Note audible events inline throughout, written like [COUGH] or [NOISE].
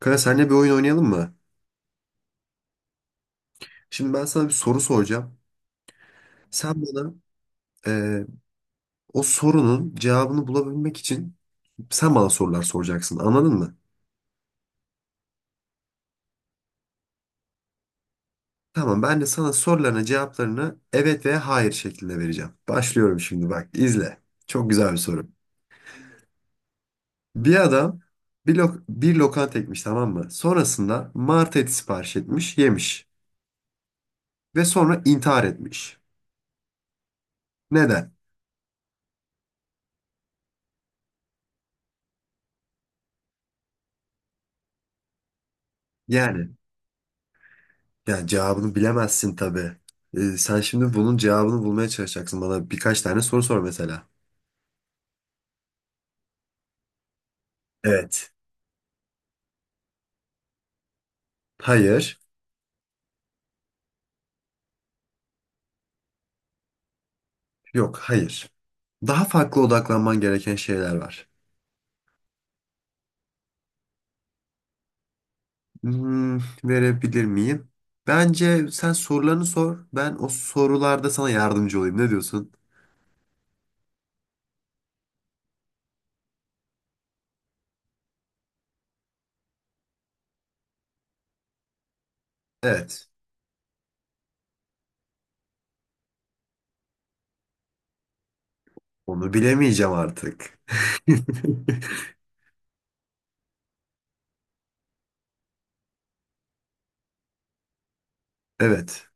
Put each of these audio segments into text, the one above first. Kanka seninle bir oyun oynayalım mı? Şimdi ben sana bir soru soracağım. Sen bana e, o sorunun cevabını bulabilmek için sen bana sorular soracaksın. Anladın mı? Tamam ben de sana sorularına cevaplarını evet veya hayır şeklinde vereceğim. Başlıyorum şimdi bak izle. Çok güzel bir soru. Bir adam bir lokanta ekmiş, tamam mı? Sonrasında mart eti sipariş etmiş, yemiş. Ve sonra intihar etmiş. Neden? Yani Yani cevabını bilemezsin tabii. Sen şimdi bunun cevabını bulmaya çalışacaksın. Bana birkaç tane soru sor mesela. Evet. Hayır. Yok, hayır. Daha farklı odaklanman gereken şeyler var. Hmm, verebilir miyim? Bence sen sorularını sor. Ben o sorularda sana yardımcı olayım. Ne diyorsun? Evet. Onu bilemeyeceğim artık. [LAUGHS] Evet.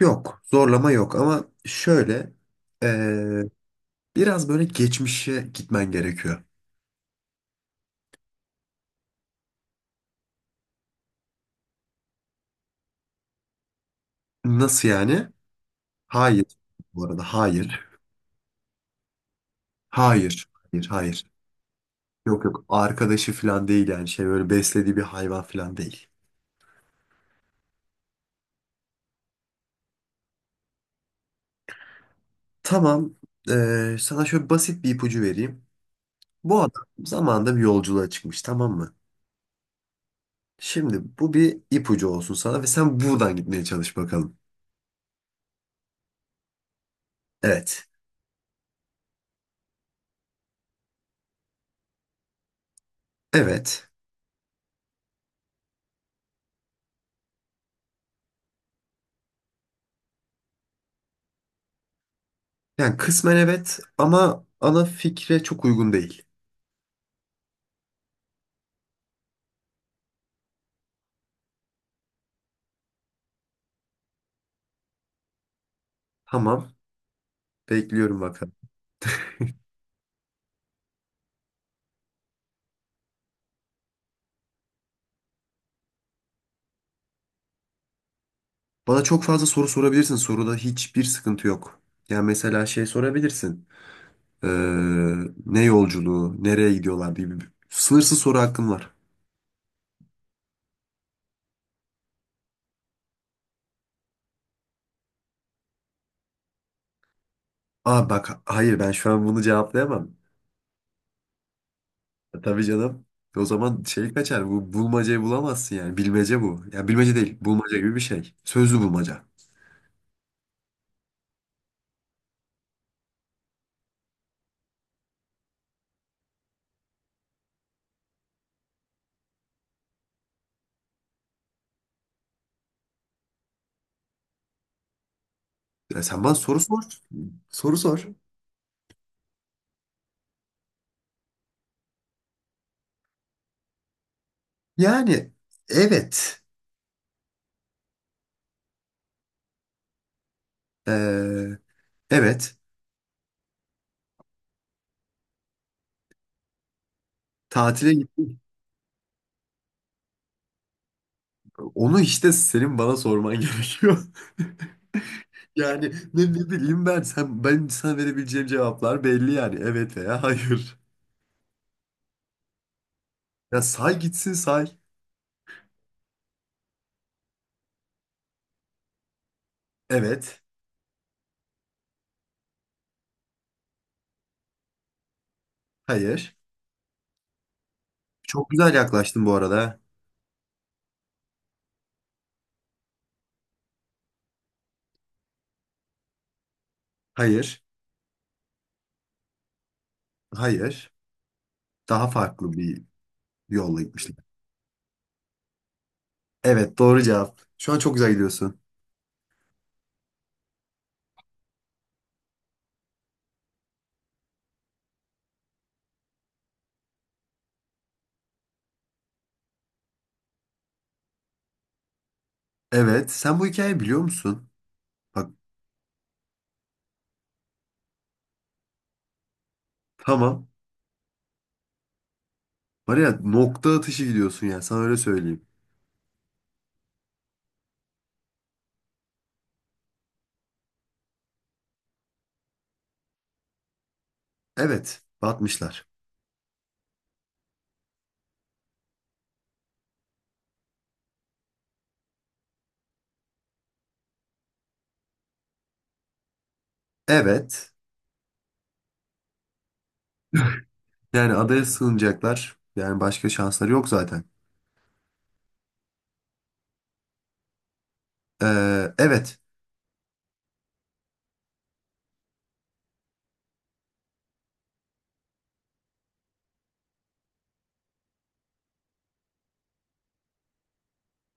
Yok. Zorlama yok ama şöyle eee, biraz böyle geçmişe gitmen gerekiyor. Nasıl yani? Hayır. Bu arada hayır. Hayır. Hayır. Hayır. Yok yok. Arkadaşı falan değil yani. Şey böyle beslediği bir hayvan falan değil. Tamam. Sana şöyle basit bir ipucu vereyim. Bu adam zamanında bir yolculuğa çıkmış, tamam mı? Şimdi bu bir ipucu olsun sana ve sen buradan gitmeye çalış bakalım. Evet. Evet. Yani kısmen evet ama ana fikre çok uygun değil. Tamam. Bekliyorum bakalım. Bana çok fazla soru sorabilirsin. Soruda hiçbir sıkıntı yok. Yani mesela şey sorabilirsin. Ee, Ne yolculuğu, nereye gidiyorlar diye bir sınırsız soru hakkım var. Aa bak hayır, ben şu an bunu cevaplayamam. E, tabii canım. O zaman şey kaçar. Bu bulmacayı bulamazsın yani. Bilmece bu. Ya bilmece değil. Bulmaca gibi bir şey. Sözlü bulmaca. Ya sen bana soru sor. Soru sor. Yani evet. Ee, evet. Tatile gittim. Onu işte senin bana sorman gerekiyor. [LAUGHS] Yani ne bileyim ben, ben sana verebileceğim cevaplar belli yani, evet veya hayır. Ya say gitsin, say. Evet. Hayır. Çok güzel yaklaştın bu arada. Hayır. Hayır. Daha farklı bir yolla gitmişler. Evet, doğru cevap. Şu an çok güzel gidiyorsun. Evet. Sen bu hikayeyi biliyor musun? Bak, tamam. Var ya, nokta atışı gidiyorsun ya, sana öyle söyleyeyim. Evet. Batmışlar. Evet. Yani adaya sığınacaklar. Yani başka şansları yok zaten. Evet.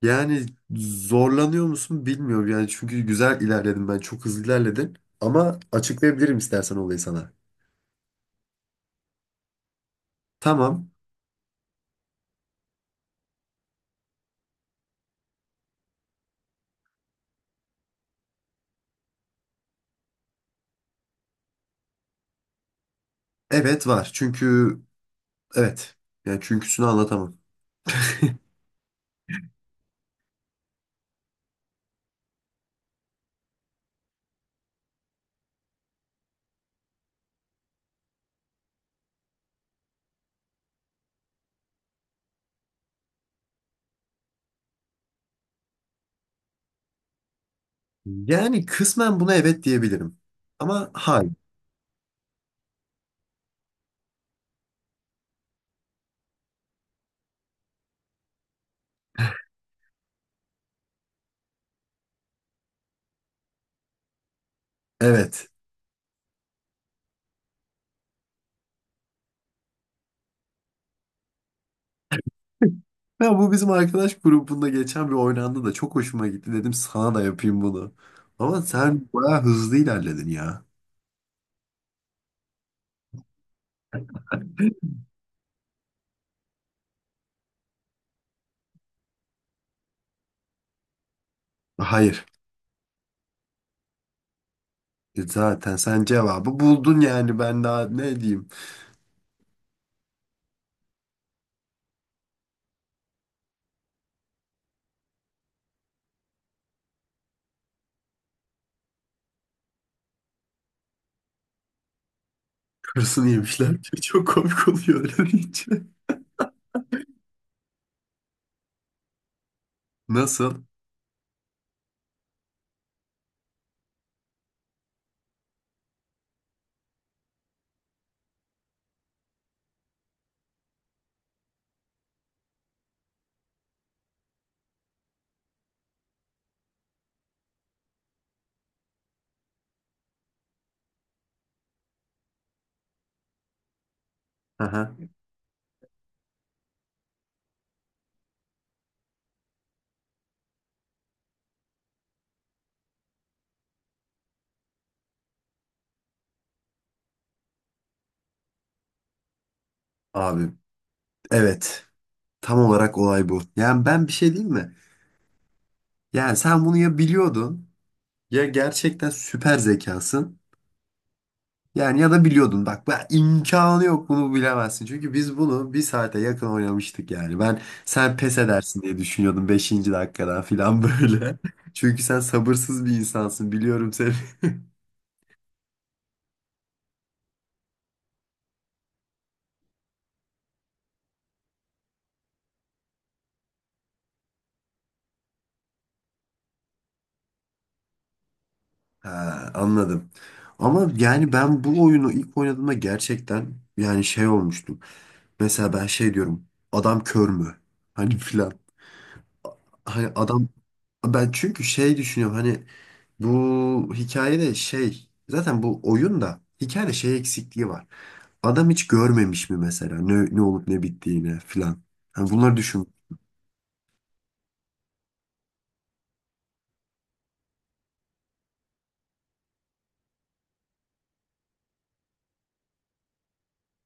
Yani zorlanıyor musun bilmiyorum. Yani çünkü güzel ilerledim ben. Çok hızlı ilerledim. Ama açıklayabilirim istersen olayı sana. Tamam. Evet var. Çünkü evet. Yani çünküsünü anlatamam. [LAUGHS] Yani kısmen buna evet diyebilirim. Ama hayır. Evet. [LAUGHS] Ya bu bizim arkadaş grubunda geçen bir oynandı da çok hoşuma gitti. Dedim sana da yapayım bunu. Ama sen bayağı hızlı ilerledin ya. Hayır. E zaten sen cevabı buldun yani, ben daha ne diyeyim. Kırsını yemişler. [LAUGHS] Çok komik oluyor öyle deyince. Nasıl? Aha. Abi evet. Tam olarak olay bu. Yani ben bir şey diyeyim mi? Yani sen bunu ya biliyordun ya gerçekten süper zekasın. Yani ya da biliyordun. Bak ben, imkanı yok bunu bilemezsin. Çünkü biz bunu bir saate yakın oynamıştık yani. Ben sen pes edersin diye düşünüyordum beşinci dakikadan filan böyle. [LAUGHS] Çünkü sen sabırsız bir insansın, biliyorum seni. Ha, anladım. Ama yani ben bu oyunu ilk oynadığımda gerçekten yani şey olmuştum. Mesela ben şey diyorum. Adam kör mü? [LAUGHS] Hani filan. Hani adam, ben çünkü şey düşünüyorum hani, bu hikayede şey, zaten bu oyunda hikayede şey eksikliği var. Adam hiç görmemiş mi mesela ne olup ne bittiğini filan. Hani bunları düşün.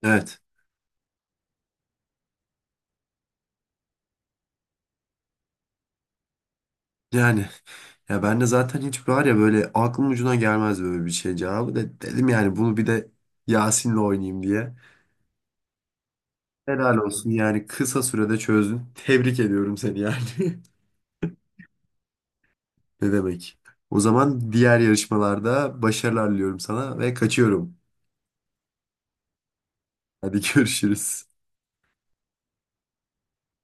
Evet. Yani ya ben de zaten hiç var ya böyle aklım ucuna gelmez böyle bir şey cevabı da, dedim yani bunu bir de Yasin'le oynayayım diye. Helal olsun yani kısa sürede çözdün. Tebrik ediyorum seni yani. [LAUGHS] Ne demek? O zaman diğer yarışmalarda başarılar diliyorum sana ve kaçıyorum. Hadi görüşürüz.